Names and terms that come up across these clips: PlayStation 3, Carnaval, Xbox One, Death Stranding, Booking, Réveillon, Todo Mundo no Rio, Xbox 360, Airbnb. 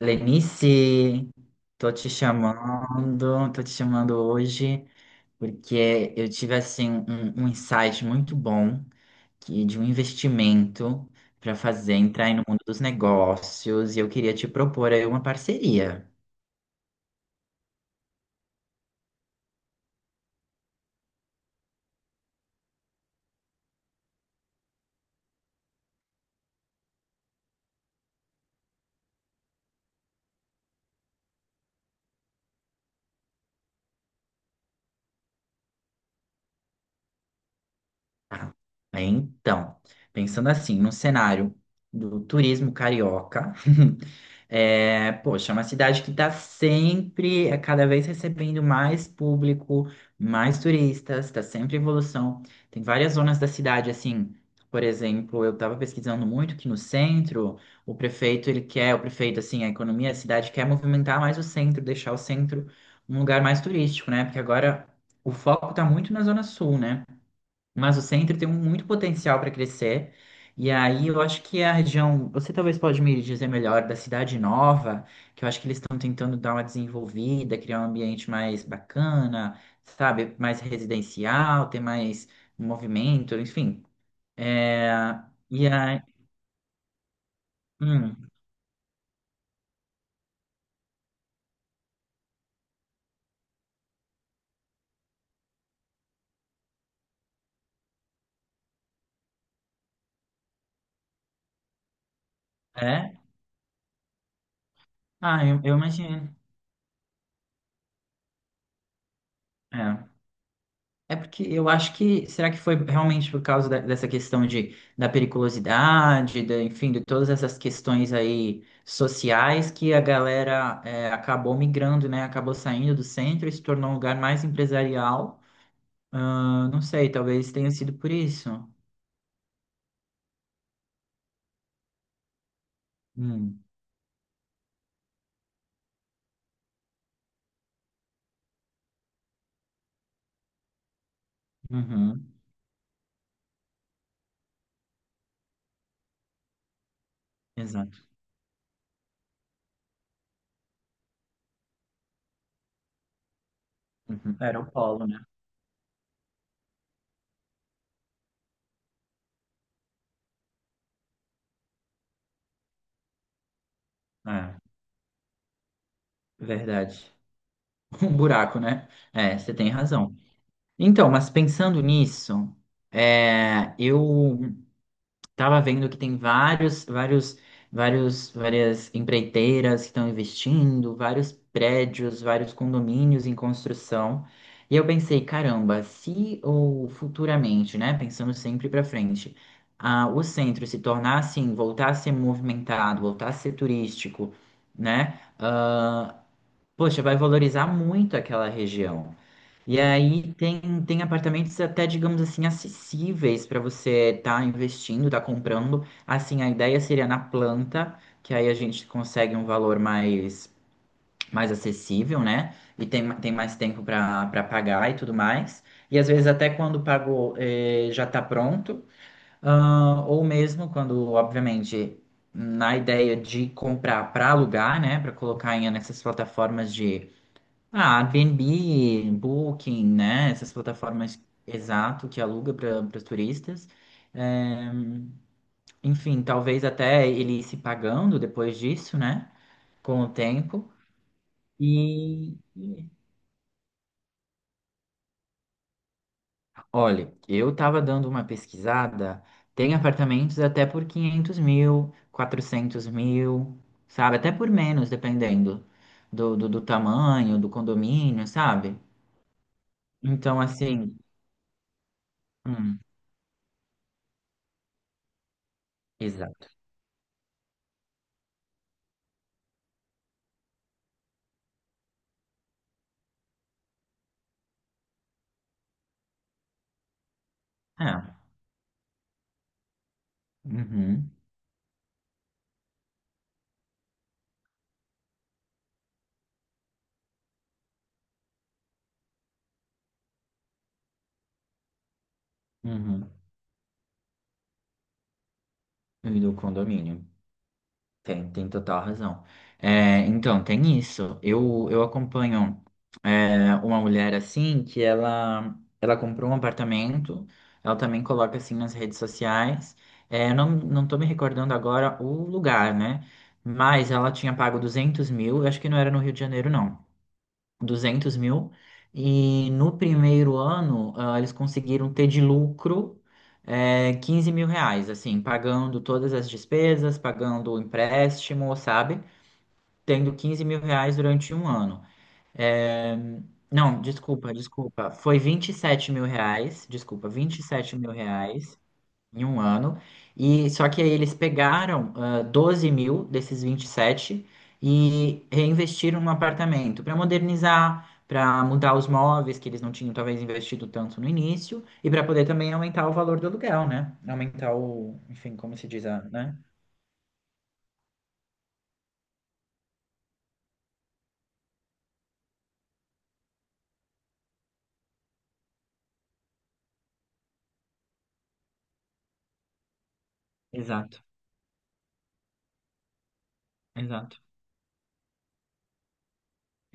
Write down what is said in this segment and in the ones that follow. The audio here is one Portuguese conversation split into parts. Lenice, tô te chamando hoje porque eu tive assim um insight muito bom que de um investimento para fazer entrar aí no mundo dos negócios e eu queria te propor aí uma parceria. Ah, então, pensando assim, no cenário do turismo carioca, é, poxa, é uma cidade que está sempre, é, cada vez recebendo mais público, mais turistas, está sempre em evolução. Tem várias zonas da cidade, assim, por exemplo, eu estava pesquisando muito que no centro, o prefeito, ele quer, o prefeito, assim, a economia da cidade quer movimentar mais o centro, deixar o centro um lugar mais turístico, né? Porque agora o foco está muito na Zona Sul, né? Mas o centro tem muito potencial para crescer. E aí eu acho que a região, você talvez pode me dizer melhor da Cidade Nova, que eu acho que eles estão tentando dar uma desenvolvida, criar um ambiente mais bacana, sabe, mais residencial, ter mais movimento, enfim. É, e aí, hum, é? Ah, eu imagino. É. É porque eu acho que, será que foi realmente por causa dessa questão da periculosidade, da, enfim, de todas essas questões aí sociais que a galera é, acabou migrando, né? Acabou saindo do centro e se tornou um lugar mais empresarial. Ah, não sei, talvez tenha sido por isso. Hum, uhum, exato. Uhum. Era o polo, né? É, verdade. Um buraco, né? É, você tem razão. Então, mas pensando nisso, é, eu tava vendo que tem várias empreiteiras que estão investindo, vários prédios, vários condomínios em construção. E eu pensei, caramba, se ou futuramente, né, pensando sempre para frente, ah, o centro se tornar assim, voltar a ser movimentado, voltar a ser turístico, né? Poxa, vai valorizar muito aquela região. E aí tem apartamentos até, digamos assim, acessíveis para você estar investindo, estar comprando. Assim, a ideia seria na planta, que aí a gente consegue um valor mais, mais acessível, né? E tem mais tempo para pagar e tudo mais. E às vezes até quando pagou eh, já está pronto. Ah, ou mesmo quando, obviamente, na ideia de comprar para alugar, né? Para colocar em nessas plataformas de ah, Airbnb, Booking, né? Essas plataformas exato que aluga para os turistas. É, enfim, talvez até ele ir se pagando depois disso, né? Com o tempo. E olha, eu estava dando uma pesquisada, tem apartamentos até por 500 mil, 400 mil, sabe? Até por menos, dependendo do tamanho, do condomínio, sabe? Então, assim. Hum, exato. É. Uhum. Uhum. E do condomínio. Tem total razão. É, então, tem isso. Eu acompanho é, uma mulher assim que ela comprou um apartamento, ela também coloca assim nas redes sociais. É, eu não tô me recordando agora o lugar, né? Mas ela tinha pago 200 mil, eu acho que não era no Rio de Janeiro, não. 200 mil. E no primeiro ano, ah, eles conseguiram ter de lucro, eh, 15 mil reais, assim, pagando todas as despesas, pagando o empréstimo, sabe? Tendo 15 mil reais durante um ano. Eh, não, desculpa, desculpa. Foi 27 mil reais, desculpa, 27 mil reais em um ano. E só que aí eles pegaram ah, 12 mil desses 27 e sete e reinvestiram no apartamento para modernizar, para mudar os móveis que eles não tinham talvez investido tanto no início e para poder também aumentar o valor do aluguel, né? Aumentar o, enfim, como se diz, né? Exato, exato.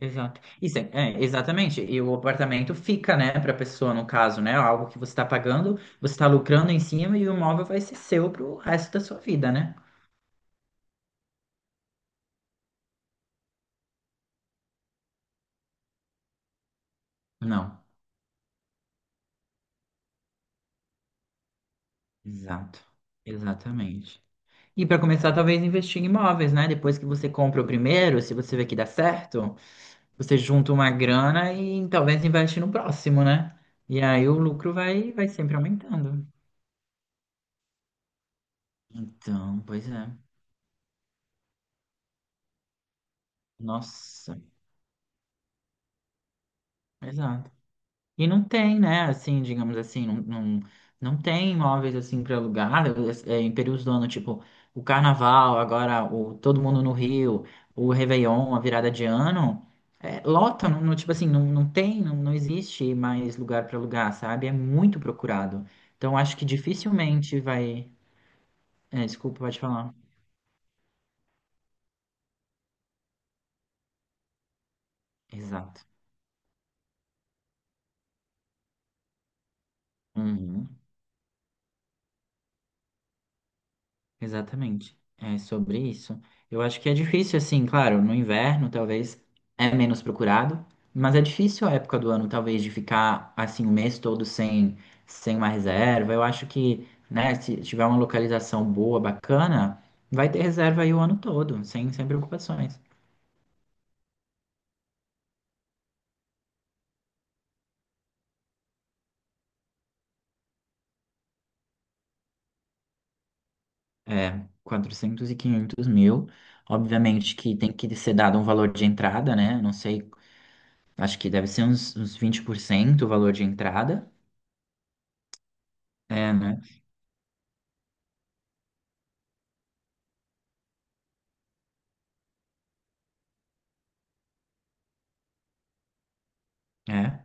Exato. Isso é exatamente. E o apartamento fica, né, para a pessoa, no caso, né? Algo que você está pagando, você está lucrando em cima e o imóvel vai ser seu para o resto da sua vida, né? Não. Exato, exatamente. E para começar, talvez investir em imóveis, né? Depois que você compra o primeiro, se você vê que dá certo, você junta uma grana e talvez investe no próximo, né? E aí o lucro vai sempre aumentando. Então, pois é. Nossa, exato. E não tem, né? Assim, digamos assim, não, não, não tem imóveis assim para alugar em períodos do ano, tipo o Carnaval, agora o Todo Mundo no Rio, o Réveillon, a virada de ano. É, lota, não, não, tipo assim, não, não tem, não, não existe mais lugar para alugar, sabe? É muito procurado. Então acho que dificilmente vai. É, desculpa, pode falar. Exato. Uhum. Exatamente. É sobre isso. Eu acho que é difícil, assim, claro, no inverno talvez é menos procurado, mas é difícil a época do ano, talvez, de ficar assim o mês todo sem uma reserva. Eu acho que, né, se tiver uma localização boa, bacana, vai ter reserva aí o ano todo, sem preocupações. É, 400 e 500 mil. Obviamente que tem que ser dado um valor de entrada, né? Não sei, acho que deve ser uns 20% o valor de entrada. É, né? É.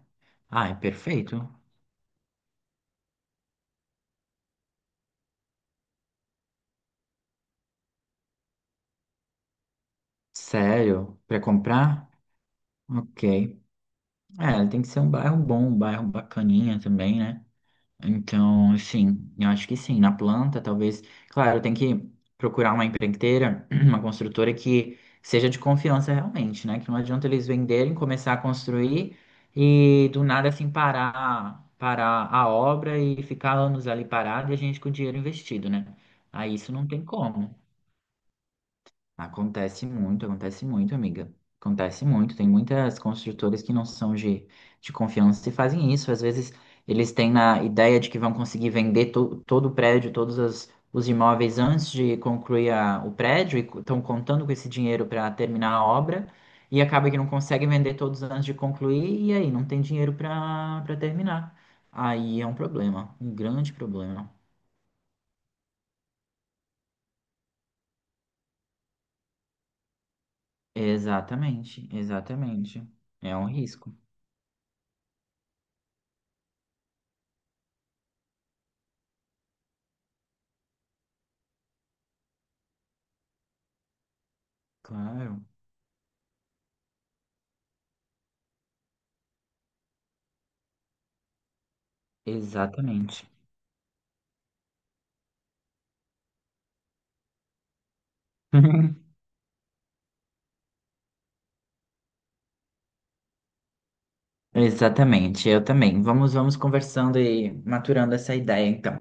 Ah, é perfeito. Sério? Pra comprar? Ok. É, tem que ser um bairro bom, um bairro bacaninha também, né? Então, assim, eu acho que sim. Na planta, talvez. Claro, tem que procurar uma empreiteira, uma construtora que seja de confiança realmente, né? Que não adianta eles venderem, começar a construir e do nada, assim, parar a obra e ficar anos ali parado e a gente com o dinheiro investido, né? Aí isso não tem como. Acontece muito, amiga. Acontece muito. Tem muitas construtoras que não são de confiança e fazem isso. Às vezes eles têm na ideia de que vão conseguir vender todo o prédio, todos os imóveis antes de concluir o prédio e estão contando com esse dinheiro para terminar a obra e acaba que não conseguem vender todos antes de concluir e aí não tem dinheiro para terminar. Aí é um problema, um grande problema. Exatamente, exatamente. É um risco, claro. Exatamente. Exatamente, eu também. Vamos conversando e maturando essa ideia, então.